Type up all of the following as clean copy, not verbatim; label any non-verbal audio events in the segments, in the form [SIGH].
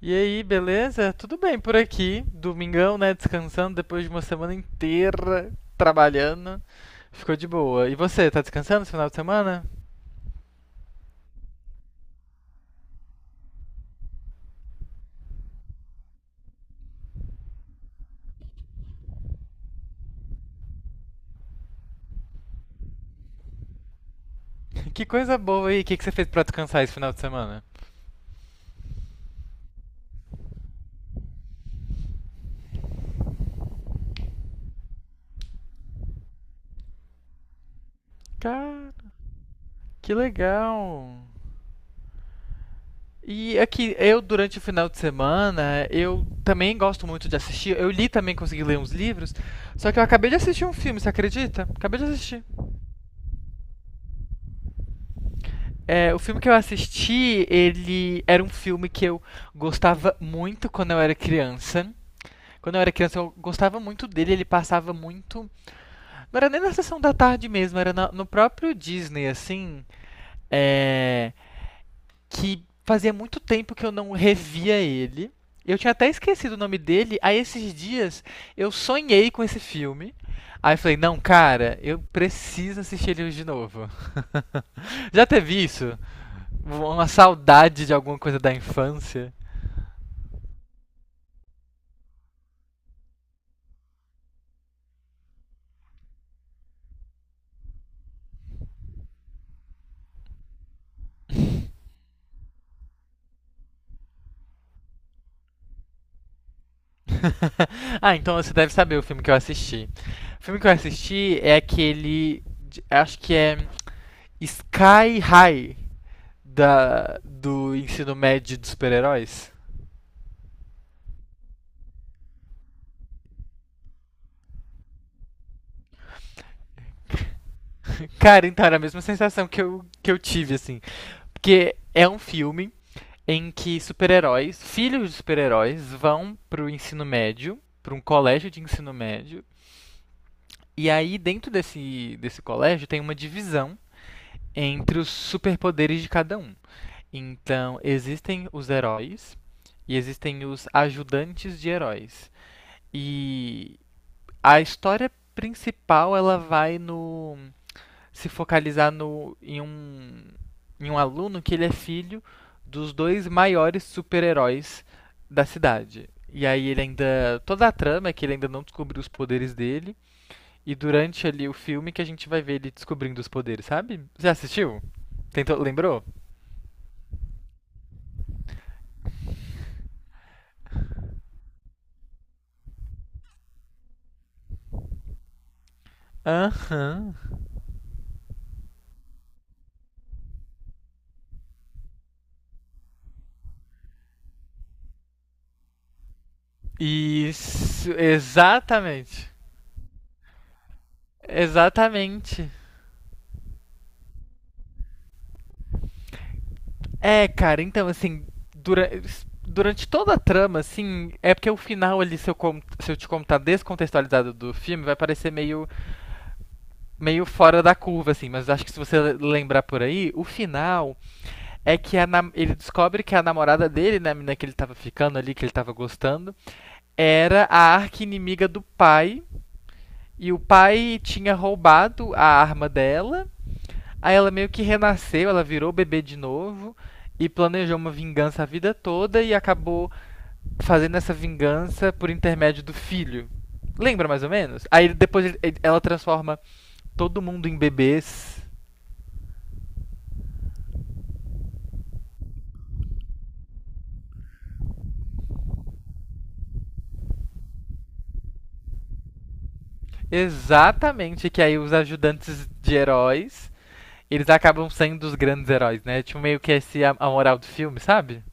E aí, beleza? Tudo bem por aqui. Domingão, né? Descansando depois de uma semana inteira trabalhando. Ficou de boa. E você, tá descansando esse final de semana? [LAUGHS] Que coisa boa aí. O que que você fez pra descansar esse final de semana? Cara, que legal. E aqui, eu durante o final de semana, eu também gosto muito de assistir. Eu li também, consegui ler uns livros. Só que eu acabei de assistir um filme, você acredita? Acabei de assistir. É, o filme que eu assisti, ele era um filme que eu gostava muito quando eu era criança. Quando eu era criança, eu gostava muito dele, ele passava muito. Não era nem na sessão da tarde mesmo, era no próprio Disney, assim. É. Que fazia muito tempo que eu não revia ele. Eu tinha até esquecido o nome dele. Aí esses dias eu sonhei com esse filme. Aí eu falei, não, cara, eu preciso assistir ele hoje de novo. [LAUGHS] Já teve isso? Uma saudade de alguma coisa da infância. [LAUGHS] Então você deve saber o filme que eu assisti. O filme que eu assisti é aquele. Acho que é Sky High da, do ensino médio dos super-heróis. [LAUGHS] Cara, então era a mesma sensação que eu tive, assim. Porque é um filme em que super-heróis, filhos de super-heróis, vão pro ensino médio, pra um colégio de ensino médio. E aí, dentro desse colégio, tem uma divisão entre os superpoderes de cada um. Então, existem os heróis e existem os ajudantes de heróis. E a história principal ela vai se focalizar no em um aluno que ele é filho dos dois maiores super-heróis da cidade. E aí ele ainda toda a trama é que ele ainda não descobriu os poderes dele e durante ali o filme que a gente vai ver ele descobrindo os poderes, sabe? Já assistiu? Tentou, lembrou? Hã? Isso, exatamente. Exatamente. É, cara, então, assim, dura- durante toda a trama, assim, é porque o final ali, se eu te contar descontextualizado do filme, vai parecer meio, meio fora da curva, assim, mas acho que se você lembrar por aí, o final é que ele descobre que a namorada dele, né, a menina que ele tava ficando ali, que ele tava gostando, era a arqui-inimiga do pai, e o pai tinha roubado a arma dela. Aí ela meio que renasceu, ela virou bebê de novo e planejou uma vingança a vida toda e acabou fazendo essa vingança por intermédio do filho. Lembra mais ou menos? Aí depois ela transforma todo mundo em bebês. Exatamente, que aí os ajudantes de heróis, eles acabam sendo os grandes heróis, né? Tipo, meio que esse a moral do filme, sabe?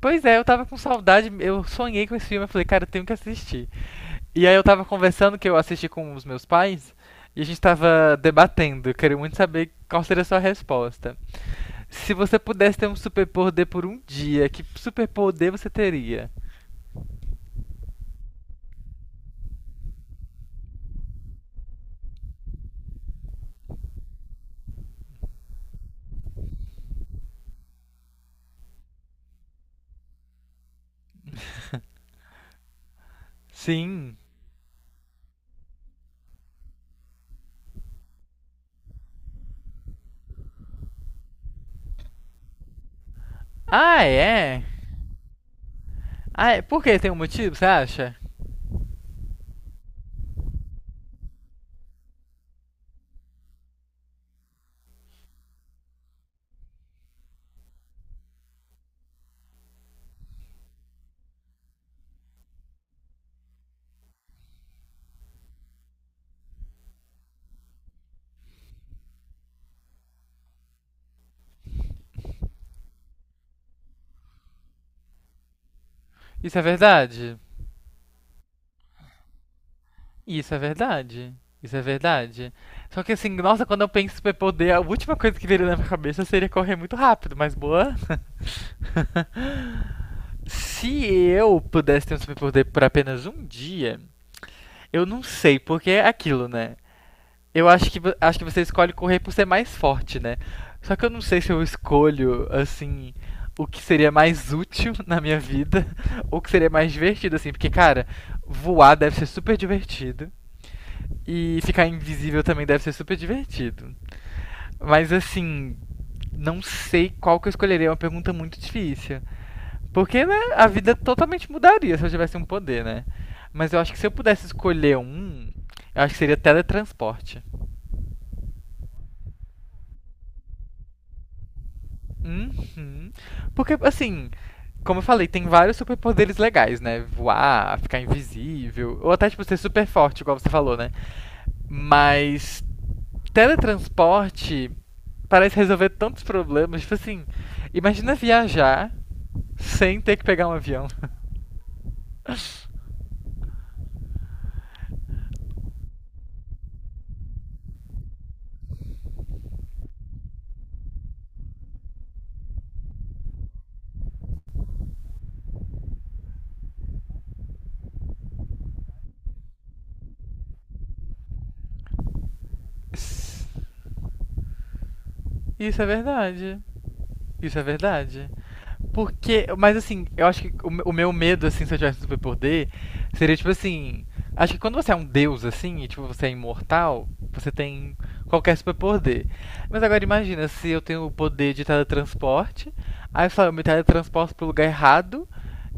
Pois é, eu tava com saudade, eu sonhei com esse filme, eu falei, cara, eu tenho que assistir. E aí eu tava conversando que eu assisti com os meus pais e a gente tava debatendo. Eu queria muito saber qual seria a sua resposta. Se você pudesse ter um superpoder por um dia, que superpoder você teria? Sim. Ah, é? Ah, é. Por que tem um motivo, você acha? Isso é verdade? Isso é verdade. Isso é verdade. Só que assim, nossa, quando eu penso em superpoder, a última coisa que viria na minha cabeça seria correr muito rápido, mas boa. Se eu pudesse ter um superpoder por apenas um dia, eu não sei, porque é aquilo, né? Eu acho que, acho que você escolhe correr por ser mais forte, né? Só que eu não sei se eu escolho, assim, o que seria mais útil [LAUGHS] na minha vida, [LAUGHS] ou o que seria mais divertido, assim. Porque, cara, voar deve ser super divertido, e ficar invisível também deve ser super divertido. Mas, assim, não sei qual que eu escolheria, é uma pergunta muito difícil. Porque, né, a vida totalmente mudaria se eu tivesse um poder, né? Mas eu acho que se eu pudesse escolher um, eu acho que seria teletransporte. Uhum. Porque, assim, como eu falei, tem vários superpoderes legais, né? Voar, ficar invisível, ou até, tipo, ser super forte, igual você falou, né? Mas teletransporte parece resolver tantos problemas. Tipo assim, imagina viajar sem ter que pegar um avião. [LAUGHS] Isso é verdade. Isso é verdade. Porque, mas assim, eu acho que o meu medo, assim, se eu tivesse um superpoder, seria tipo assim. Acho que quando você é um deus, assim, e tipo, você é imortal, você tem qualquer superpoder. Mas agora imagina se eu tenho o poder de teletransporte, aí só eu me teletransporto pro lugar errado,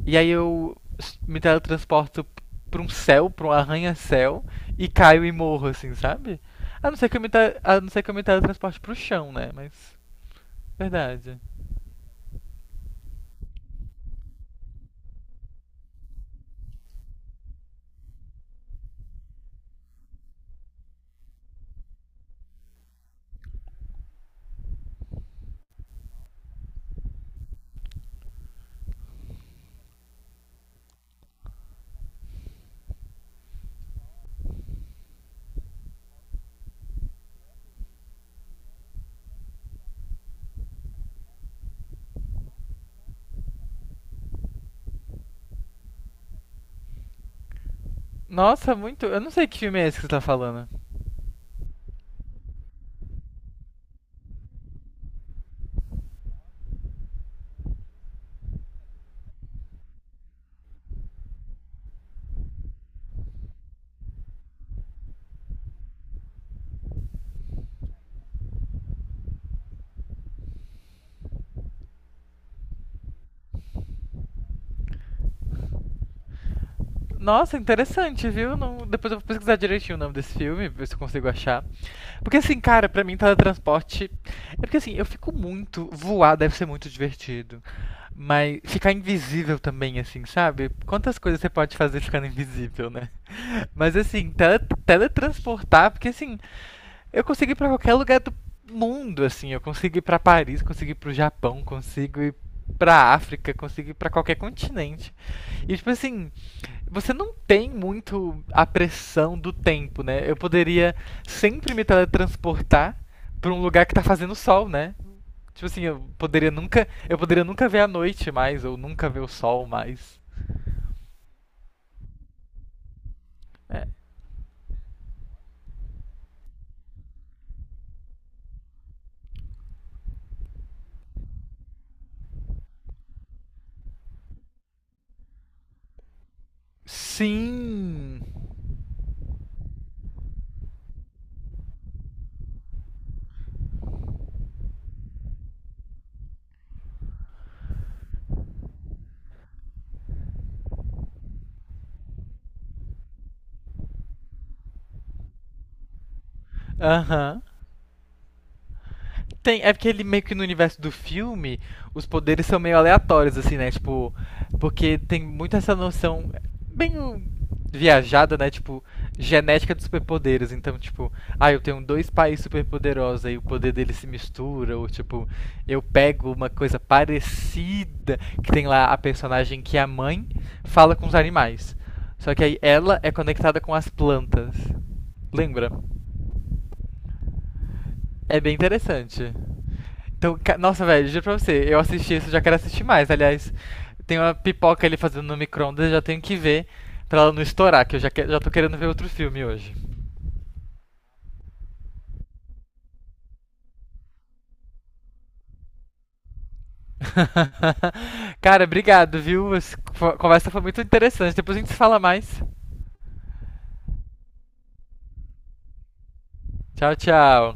e aí me teletransporto pra um céu, pra um arranha-céu, e caio e morro, assim, sabe? A não ser que eu me, te- a não ser que eu me teletransporte pro chão, né? Mas. Verdade. Nossa, muito. Eu não sei que filme é esse que você tá falando. Nossa, interessante, viu? Não. Depois eu vou pesquisar direitinho o nome desse filme, ver se eu consigo achar. Porque assim, cara, pra mim teletransporte. É porque assim, eu fico muito. Voar deve ser muito divertido. Mas ficar invisível também, assim, sabe? Quantas coisas você pode fazer ficando invisível, né? [LAUGHS] Mas assim, teletransportar, porque assim, eu consigo ir pra qualquer lugar do mundo, assim. Eu consigo ir pra Paris, consigo ir pro Japão, consigo ir pra África, consigo ir pra qualquer continente. E, tipo assim, você não tem muito a pressão do tempo, né? Eu poderia sempre me teletransportar pra um lugar que tá fazendo sol, né? Tipo assim, eu poderia nunca ver a noite mais, ou nunca ver o sol mais. Sim. Aham. Tem, é porque ele meio que no universo do filme, os poderes são meio aleatórios, assim, né? Tipo, porque tem muito essa noção bem um, viajada, né? Tipo, genética dos superpoderes. Então, tipo, ah, eu tenho dois pais superpoderosos, aí o poder deles se mistura, ou tipo, eu pego uma coisa parecida, que tem lá a personagem que a mãe fala com os animais. Só que aí ela é conectada com as plantas. Lembra? É bem interessante. Então, nossa, velho, juro pra você, eu assisti isso, já quero assistir mais. Aliás, tem uma pipoca ali fazendo no micro-ondas, já tenho que ver pra ela não estourar, que eu já, já tô querendo ver outro filme hoje. [LAUGHS] Cara, obrigado, viu? Essa conversa foi muito interessante. Depois a gente se fala mais. Tchau, tchau.